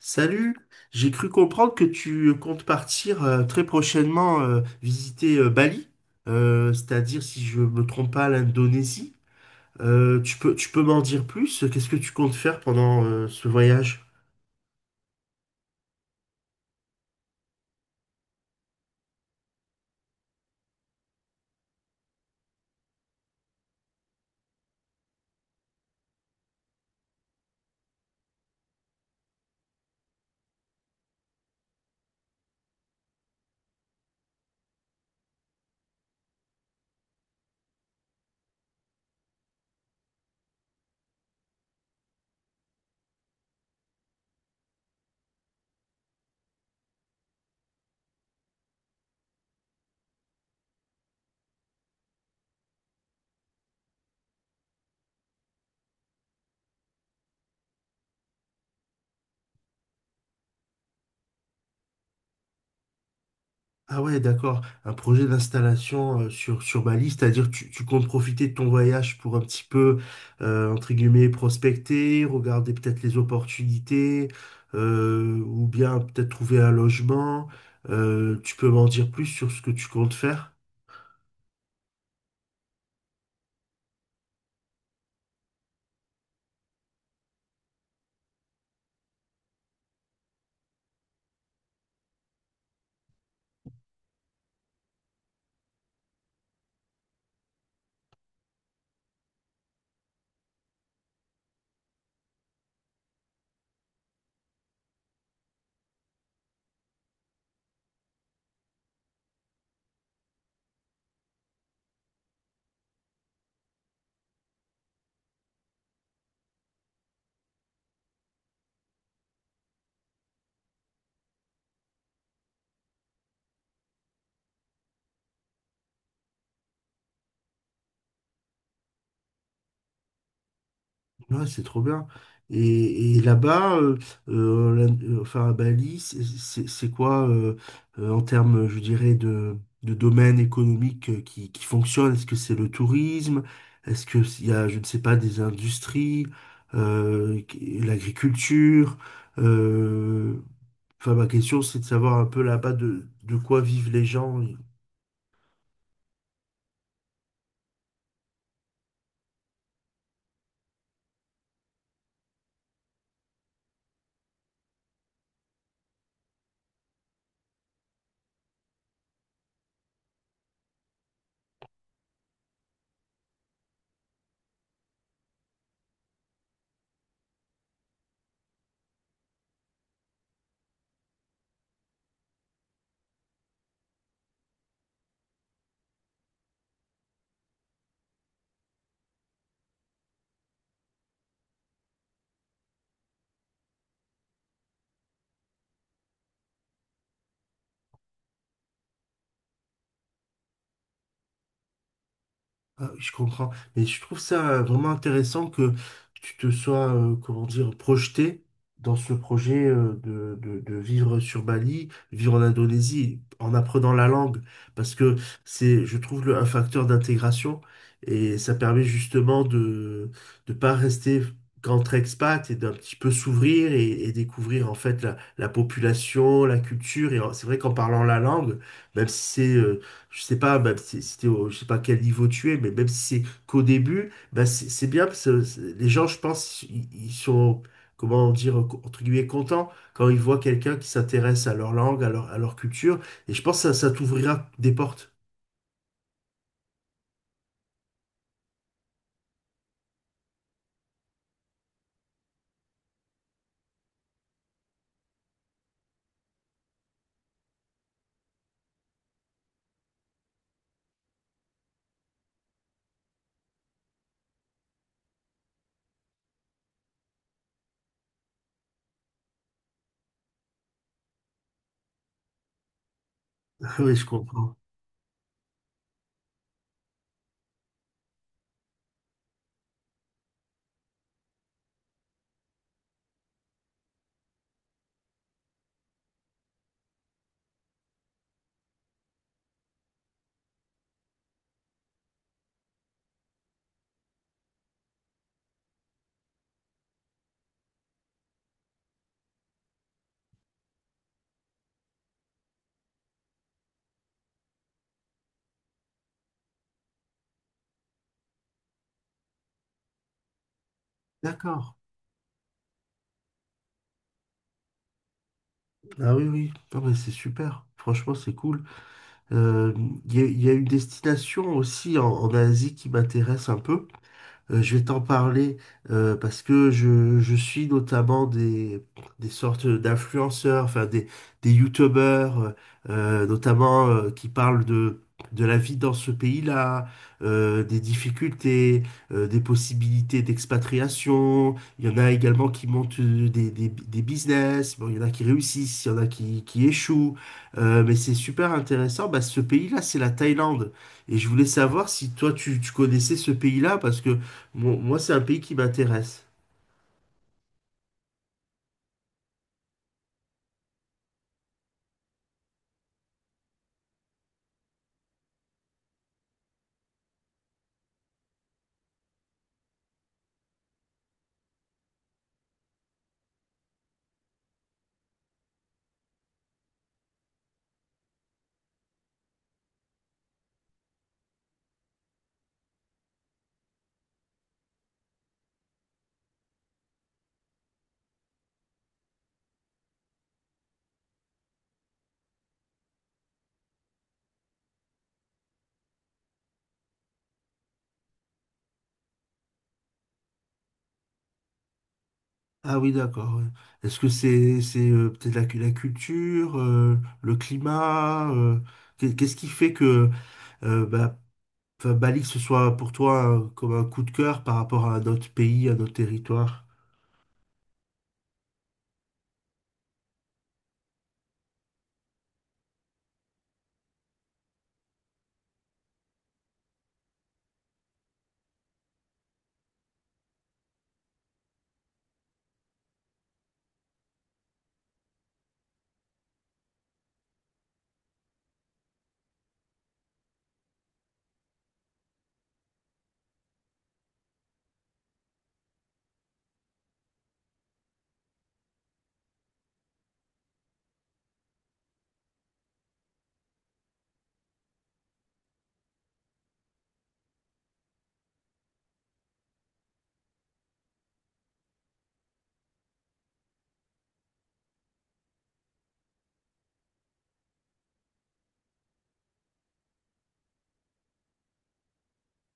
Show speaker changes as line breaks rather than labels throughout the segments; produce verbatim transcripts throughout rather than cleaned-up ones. Salut, j'ai cru comprendre que tu comptes partir euh, très prochainement euh, visiter euh, Bali, euh, c'est-à-dire si je me trompe pas l'Indonésie. Euh, tu peux, tu peux m'en dire plus? Qu'est-ce que tu comptes faire pendant euh, ce voyage? Ah ouais, d'accord. Un projet d'installation euh, sur, sur Bali, c'est-à-dire tu, tu comptes profiter de ton voyage pour un petit peu, euh, entre guillemets, prospecter, regarder peut-être les opportunités, euh, ou bien peut-être trouver un logement. Euh, tu peux m'en dire plus sur ce que tu comptes faire? Ouais, c'est trop bien. Et, et là-bas, euh, euh, la- euh, enfin à Bali, c'est c'est- c'est quoi euh, euh, en termes, je dirais, de, de domaine économique euh, qui, qui fonctionne? Est-ce que c'est le tourisme? Est-ce que s'il y a, je ne sais pas, des industries, euh, qui- l'agriculture? Euh, enfin, ma question, c'est de savoir un peu là-bas de, de quoi vivent les gens. Ah, oui, je comprends. Mais je trouve ça euh, vraiment intéressant que tu te sois, euh, comment dire, projeté dans ce projet euh, de, de, de vivre sur Bali, vivre en Indonésie, en apprenant la langue, parce que c'est, je trouve, le, un facteur d'intégration et ça permet justement de ne pas rester qu'entre expat et d'un petit peu s'ouvrir et, et découvrir en fait la, la population, la culture. Et en- c'est vrai qu'en parlant la langue, même si c'est euh, je sais pas, même si c'était au, je sais pas quel niveau tu es, mais même si c'est qu'au début, bah c'est c'est bien parce que c'est- les gens, je pense, ils, ils sont, comment dire, entre guillemets, contents quand ils voient quelqu'un qui s'intéresse à leur langue, à leur, à leur culture. Et je pense que ça, ça t'ouvrira des portes. Ah oui, je comprends. D'accord. Ah oui, oui. Non, mais c'est super. Franchement, c'est cool. Euh, Il y, a il y a une destination aussi en, en Asie qui m'intéresse un peu. Euh, je vais t'en parler euh, parce que je, je suis notamment des, des sortes d'influenceurs, enfin des, des youtubeurs, euh, euh, notamment euh, qui parlent de, de la vie dans ce pays-là, euh, des difficultés, euh, des possibilités d'expatriation. Il y en a également qui montent euh, des, des, des business, bon, il y en a qui réussissent, il y en a qui, qui échouent. Euh, mais c'est super intéressant. Bah, ce pays-là, c'est la Thaïlande. Et je voulais savoir si toi, tu, tu connaissais ce pays-là parce que Mo- moi, c'est un pays qui m'intéresse. Ah oui, d'accord. Ouais. Est-ce que c'est c'est euh, peut-être la, cu- la culture, euh, le climat, euh, qu'est- qu'est-ce qui fait que euh, bah, enfin, Bali, que ce soit pour toi un- comme un coup de cœur par rapport à notre pays, à notre territoire?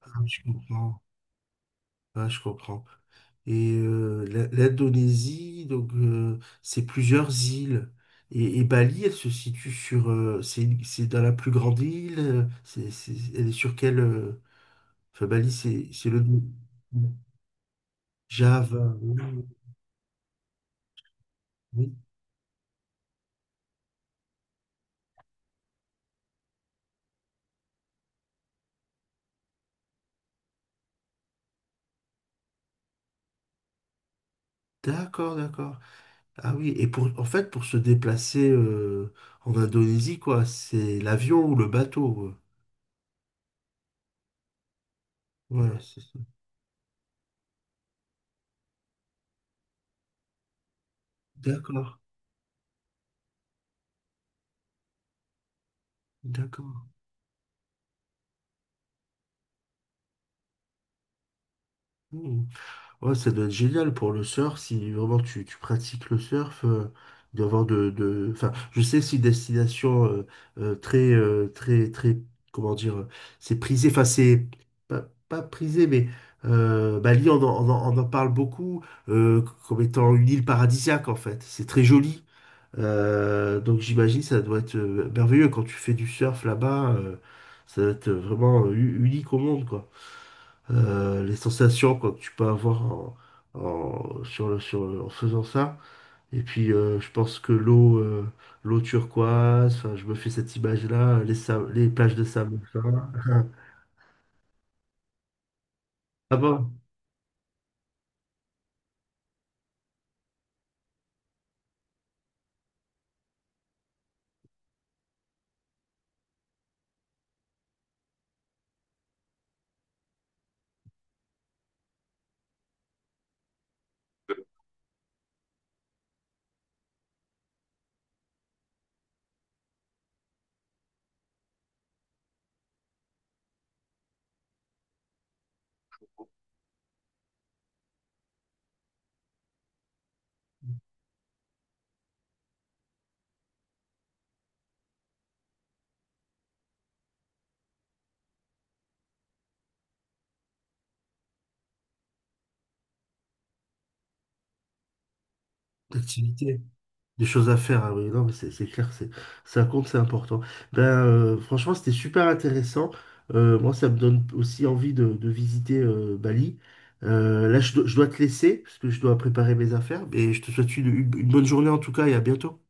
Ah, je comprends. Ah, je comprends. Et euh, la- L'Indonésie, donc euh, c'est plusieurs îles. Et, et Bali, elle se situe sur, euh, c'est c'est dans la plus grande île. Euh, C'est, c'est- elle est sur quelle? euh, Enfin, Bali, c'est c'est le nom. Java, oui, oui. D'accord, d'accord. Ah oui, et pour, en fait, pour se déplacer euh, en Indonésie, quoi, c'est l'avion ou le bateau. euh. Voilà, c'est ça. D'accord, d'accord. Hmm. Ouais, ça doit être génial pour le surf si vraiment tu, tu pratiques le surf. Euh, d'avoir de, de enfin je sais que c'est une destination euh, euh, très euh, très très comment dire euh, c'est prisé enfin c'est pas, pas prisé mais euh, Bali on en, on en- on en parle beaucoup euh, comme étant une île paradisiaque en fait c'est très joli. Euh, donc j'imagine ça doit être euh, merveilleux quand tu fais du surf là-bas euh, ça doit être vraiment euh, u- unique au monde quoi euh, les sensations quoi, que tu peux avoir en, en- sur le, sur le- en faisant ça. Et puis, euh, je pense que l'eau euh, l'eau turquoise, enfin, je me fais cette image-là, les, sa- les plages de sable fin. Ah bon, d'activité, des choses à faire. Ah oui, non, mais c'est c'est clair, c'est ça compte, c'est important. Ben, euh, franchement, c'était super intéressant. Euh, moi, ça me donne aussi envie de, de visiter euh, Bali. Euh, là, je, dois je dois te laisser parce que je dois préparer mes affaires. Mais je te souhaite une une une bonne journée en tout cas et à bientôt.